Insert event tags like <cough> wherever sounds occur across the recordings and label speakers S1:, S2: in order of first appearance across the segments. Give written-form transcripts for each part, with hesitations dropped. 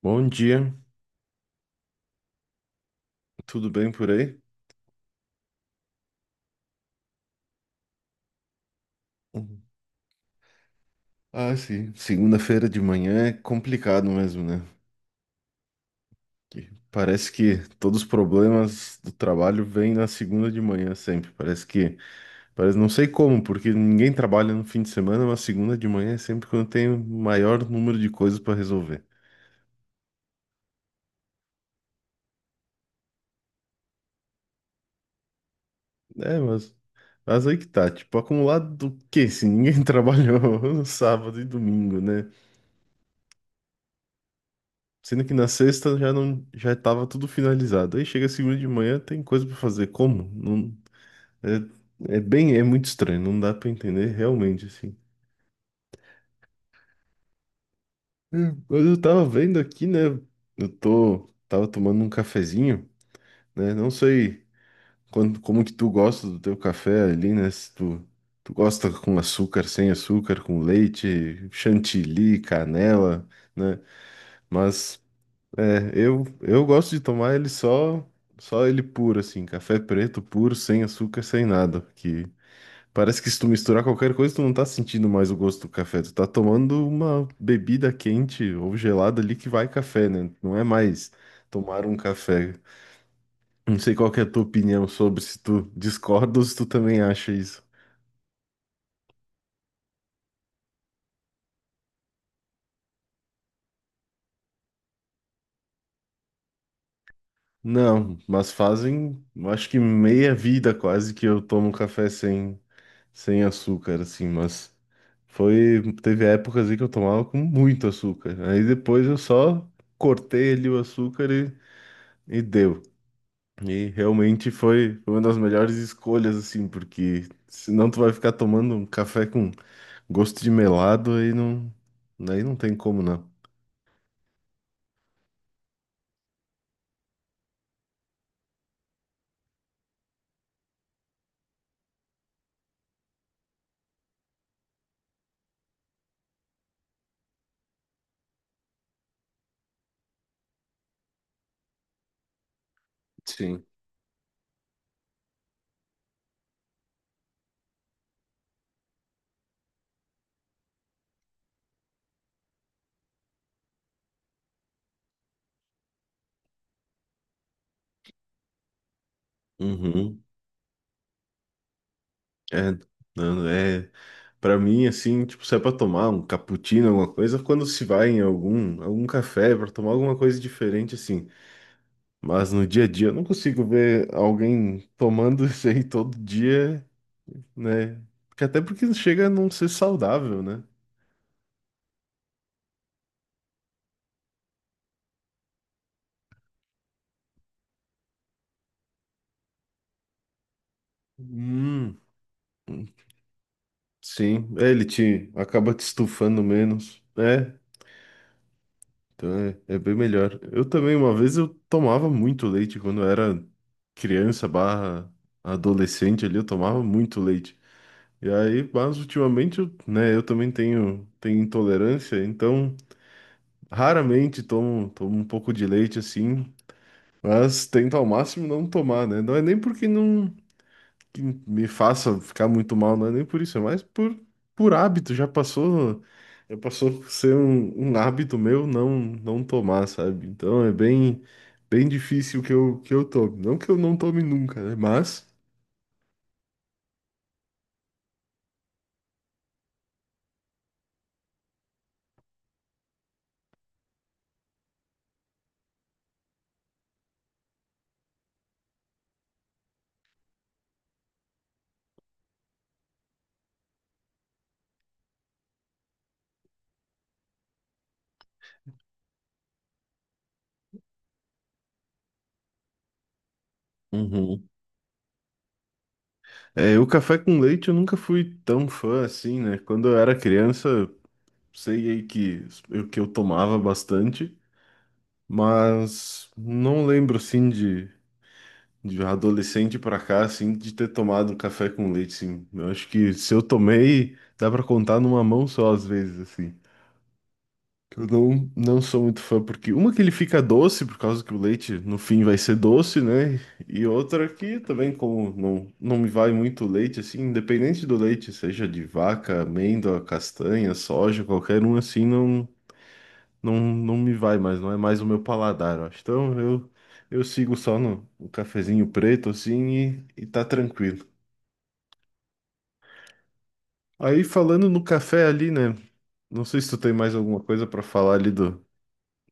S1: Bom dia, tudo bem por aí? Uhum. Ah, sim. Segunda-feira de manhã é complicado mesmo, né? Que parece que todos os problemas do trabalho vêm na segunda de manhã sempre. Parece, não sei como, porque ninguém trabalha no fim de semana, mas segunda de manhã é sempre quando tem o maior número de coisas para resolver. É, mas aí que tá, tipo, acumulado do quê? Se ninguém <laughs> trabalhou no sábado e domingo, né? Sendo que na sexta já não já estava tudo finalizado. Aí chega segunda de manhã, tem coisa para fazer. Como? Não, é muito estranho, não dá para entender realmente assim. Hum. Mas eu tava vendo aqui, né? Eu tô tava tomando um cafezinho, né? Não sei como que tu gosta do teu café ali, né? Se tu gosta com açúcar, sem açúcar, com leite, chantilly, canela, né? Mas É, eu gosto de tomar ele só, só ele puro, assim, café preto puro, sem açúcar, sem nada, que parece que se tu misturar qualquer coisa, tu não tá sentindo mais o gosto do café, tu tá tomando uma bebida quente ou gelada ali que vai café, né? Não é mais tomar um café. Não sei qual que é a tua opinião sobre se tu discorda ou se tu também acha isso. Não, mas fazem, eu acho que meia vida quase que eu tomo café sem açúcar, assim, mas teve épocas aí que eu tomava com muito açúcar. Aí depois eu só cortei ali o açúcar e deu. E realmente foi uma das melhores escolhas, assim, porque senão tu vai ficar tomando um café com gosto de melado, aí não tem como, não. Sim. É, não, para mim assim, tipo, se é para tomar um cappuccino, alguma coisa, quando se vai em algum café para tomar alguma coisa diferente assim, mas no dia a dia eu não consigo ver alguém tomando <laughs> isso aí todo dia, né? Porque até porque chega a não ser saudável, né? Hum, sim, é, ele te acaba te estufando menos. É, então é bem melhor. Eu também, uma vez, eu tomava muito leite quando eu era criança barra adolescente ali, eu tomava muito leite. E aí, mas ultimamente, eu, né, eu também tenho intolerância, então raramente tomo um pouco de leite assim, mas tento ao máximo não tomar, né? Não é nem porque não, que me faça ficar muito mal, não é nem por isso, é mais por hábito. Já passou a ser um hábito meu não tomar, sabe? Então é bem bem difícil que eu tome. Não que eu não tome nunca, né? Uhum. É, o café com leite eu nunca fui tão fã assim, né? Quando eu era criança, sei aí que que eu tomava bastante, mas não lembro assim De adolescente pra cá, assim, de ter tomado um café com leite, assim. Eu acho que se eu tomei, dá pra contar numa mão só, às vezes, assim. Que Eu não sou muito fã, porque uma que ele fica doce, por causa que o leite no fim vai ser doce, né? E outra que também, como não me vai muito leite, assim, independente do leite, seja de vaca, amêndoa, castanha, soja, qualquer um, assim, não me vai mais, não é mais o meu paladar, eu acho. Então eu sigo só no cafezinho preto, assim, e tá tranquilo. Aí falando no café ali, né? Não sei se tu tem mais alguma coisa pra falar ali do,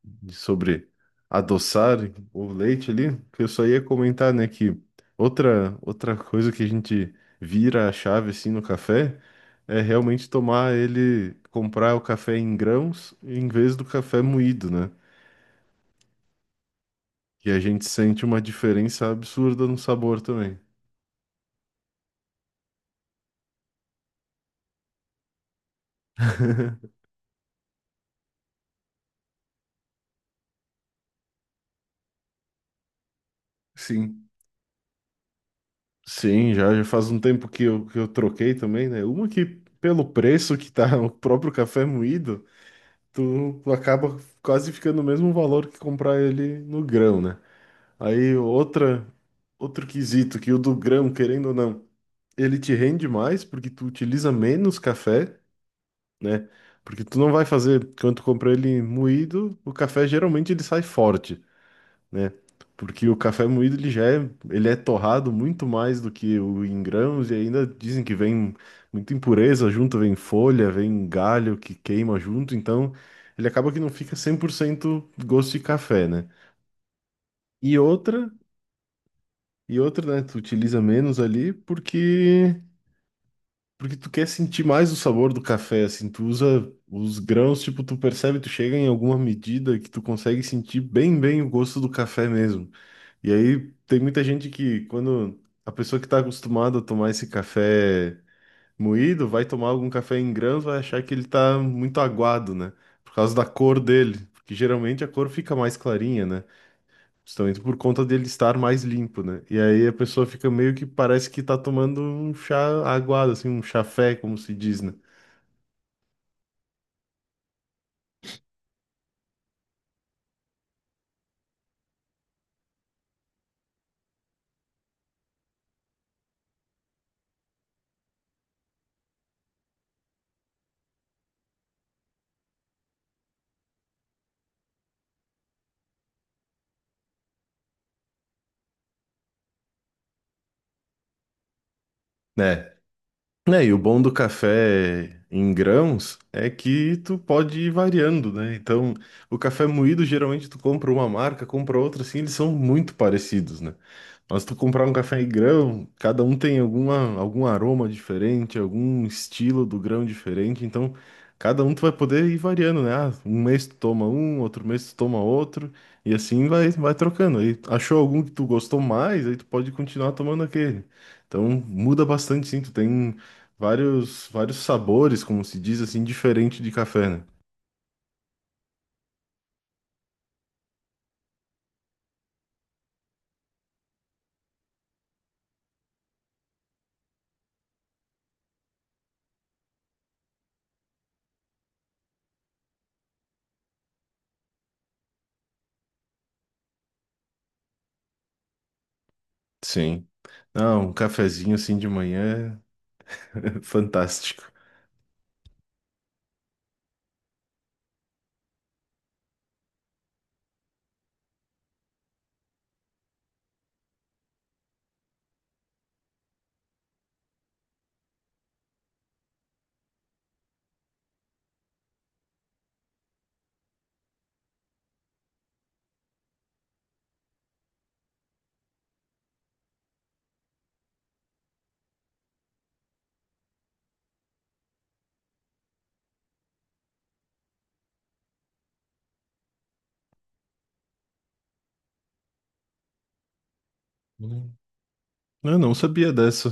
S1: de- sobre adoçar o leite ali, que eu só ia comentar, né, que outra coisa que a gente vira a chave, assim, no café é realmente tomar ele, comprar o café em grãos em vez do café moído, né? E a gente sente uma diferença absurda no sabor também. Sim. Sim, já faz um tempo que que eu troquei também, né? Uma que, pelo preço que tá <laughs> o próprio café moído, tu acaba quase ficando o mesmo valor que comprar ele no grão, né? Aí outro quesito, que o do grão, querendo ou não, ele te rende mais porque tu utiliza menos café, né? Porque tu não vai fazer, quando tu compra ele moído, o café geralmente ele sai forte, né? Porque o café moído ele já é, ele é torrado muito mais do que o em grãos e ainda dizem que vem muita impureza junto, vem folha, vem galho que queima junto, então ele acaba que não fica 100% gosto de café, né? E outra, e outra, né, tu utiliza menos ali porque tu quer sentir mais o sabor do café, assim, tu usa os grãos, tipo, tu percebe, tu chega em alguma medida que tu consegue sentir bem, bem o gosto do café mesmo. E aí tem muita gente que, quando a pessoa que está acostumada a tomar esse café moído, vai tomar algum café em grãos, vai achar que ele tá muito aguado, né? Por causa da cor dele. Porque geralmente a cor fica mais clarinha, né? Justamente por conta dele estar mais limpo, né? E aí a pessoa fica meio que parece que tá tomando um chá aguado, assim, um chafé, como se diz, né? Né? É, e o bom do café em grãos é que tu pode ir variando, né? Então, o café moído, geralmente tu compra uma marca, compra outra, assim, eles são muito parecidos, né? Mas tu comprar um café em grão, cada um tem alguma, algum aroma diferente, algum estilo do grão diferente, então cada um tu vai poder ir variando, né? Ah, um mês tu toma um, outro mês tu toma outro, e assim vai, trocando. Aí achou algum que tu gostou mais, aí tu pode continuar tomando aquele. Então muda bastante, sim. Tu tem vários sabores, como se diz assim, diferente de café, né? Sim. Não, um cafezinho assim de manhã, é <laughs> fantástico. Hum. Eu não sabia dessa.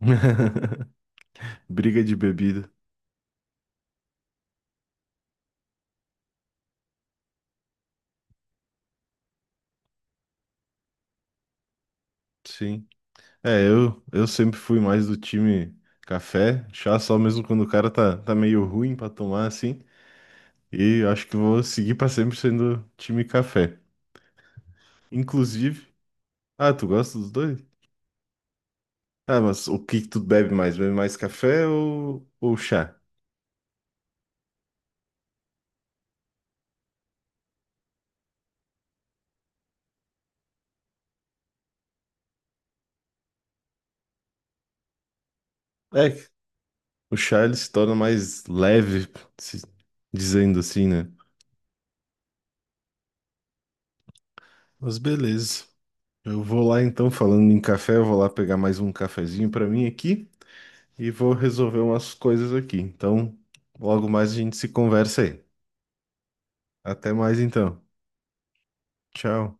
S1: <laughs> Briga de bebida. Sim. É, eu sempre fui mais do time café, chá só mesmo quando o cara tá, meio ruim pra tomar assim. E acho que vou seguir pra sempre sendo time café. Inclusive, ah, tu gosta dos dois? Ah, mas o que que tu bebe mais? Bebe mais café ou, chá? É, o Charles se torna mais leve, se- dizendo assim, né? Mas beleza. Eu vou lá então, falando em café, eu vou lá pegar mais um cafezinho pra mim aqui e vou resolver umas coisas aqui. Então, logo mais a gente se conversa aí. Até mais então. Tchau.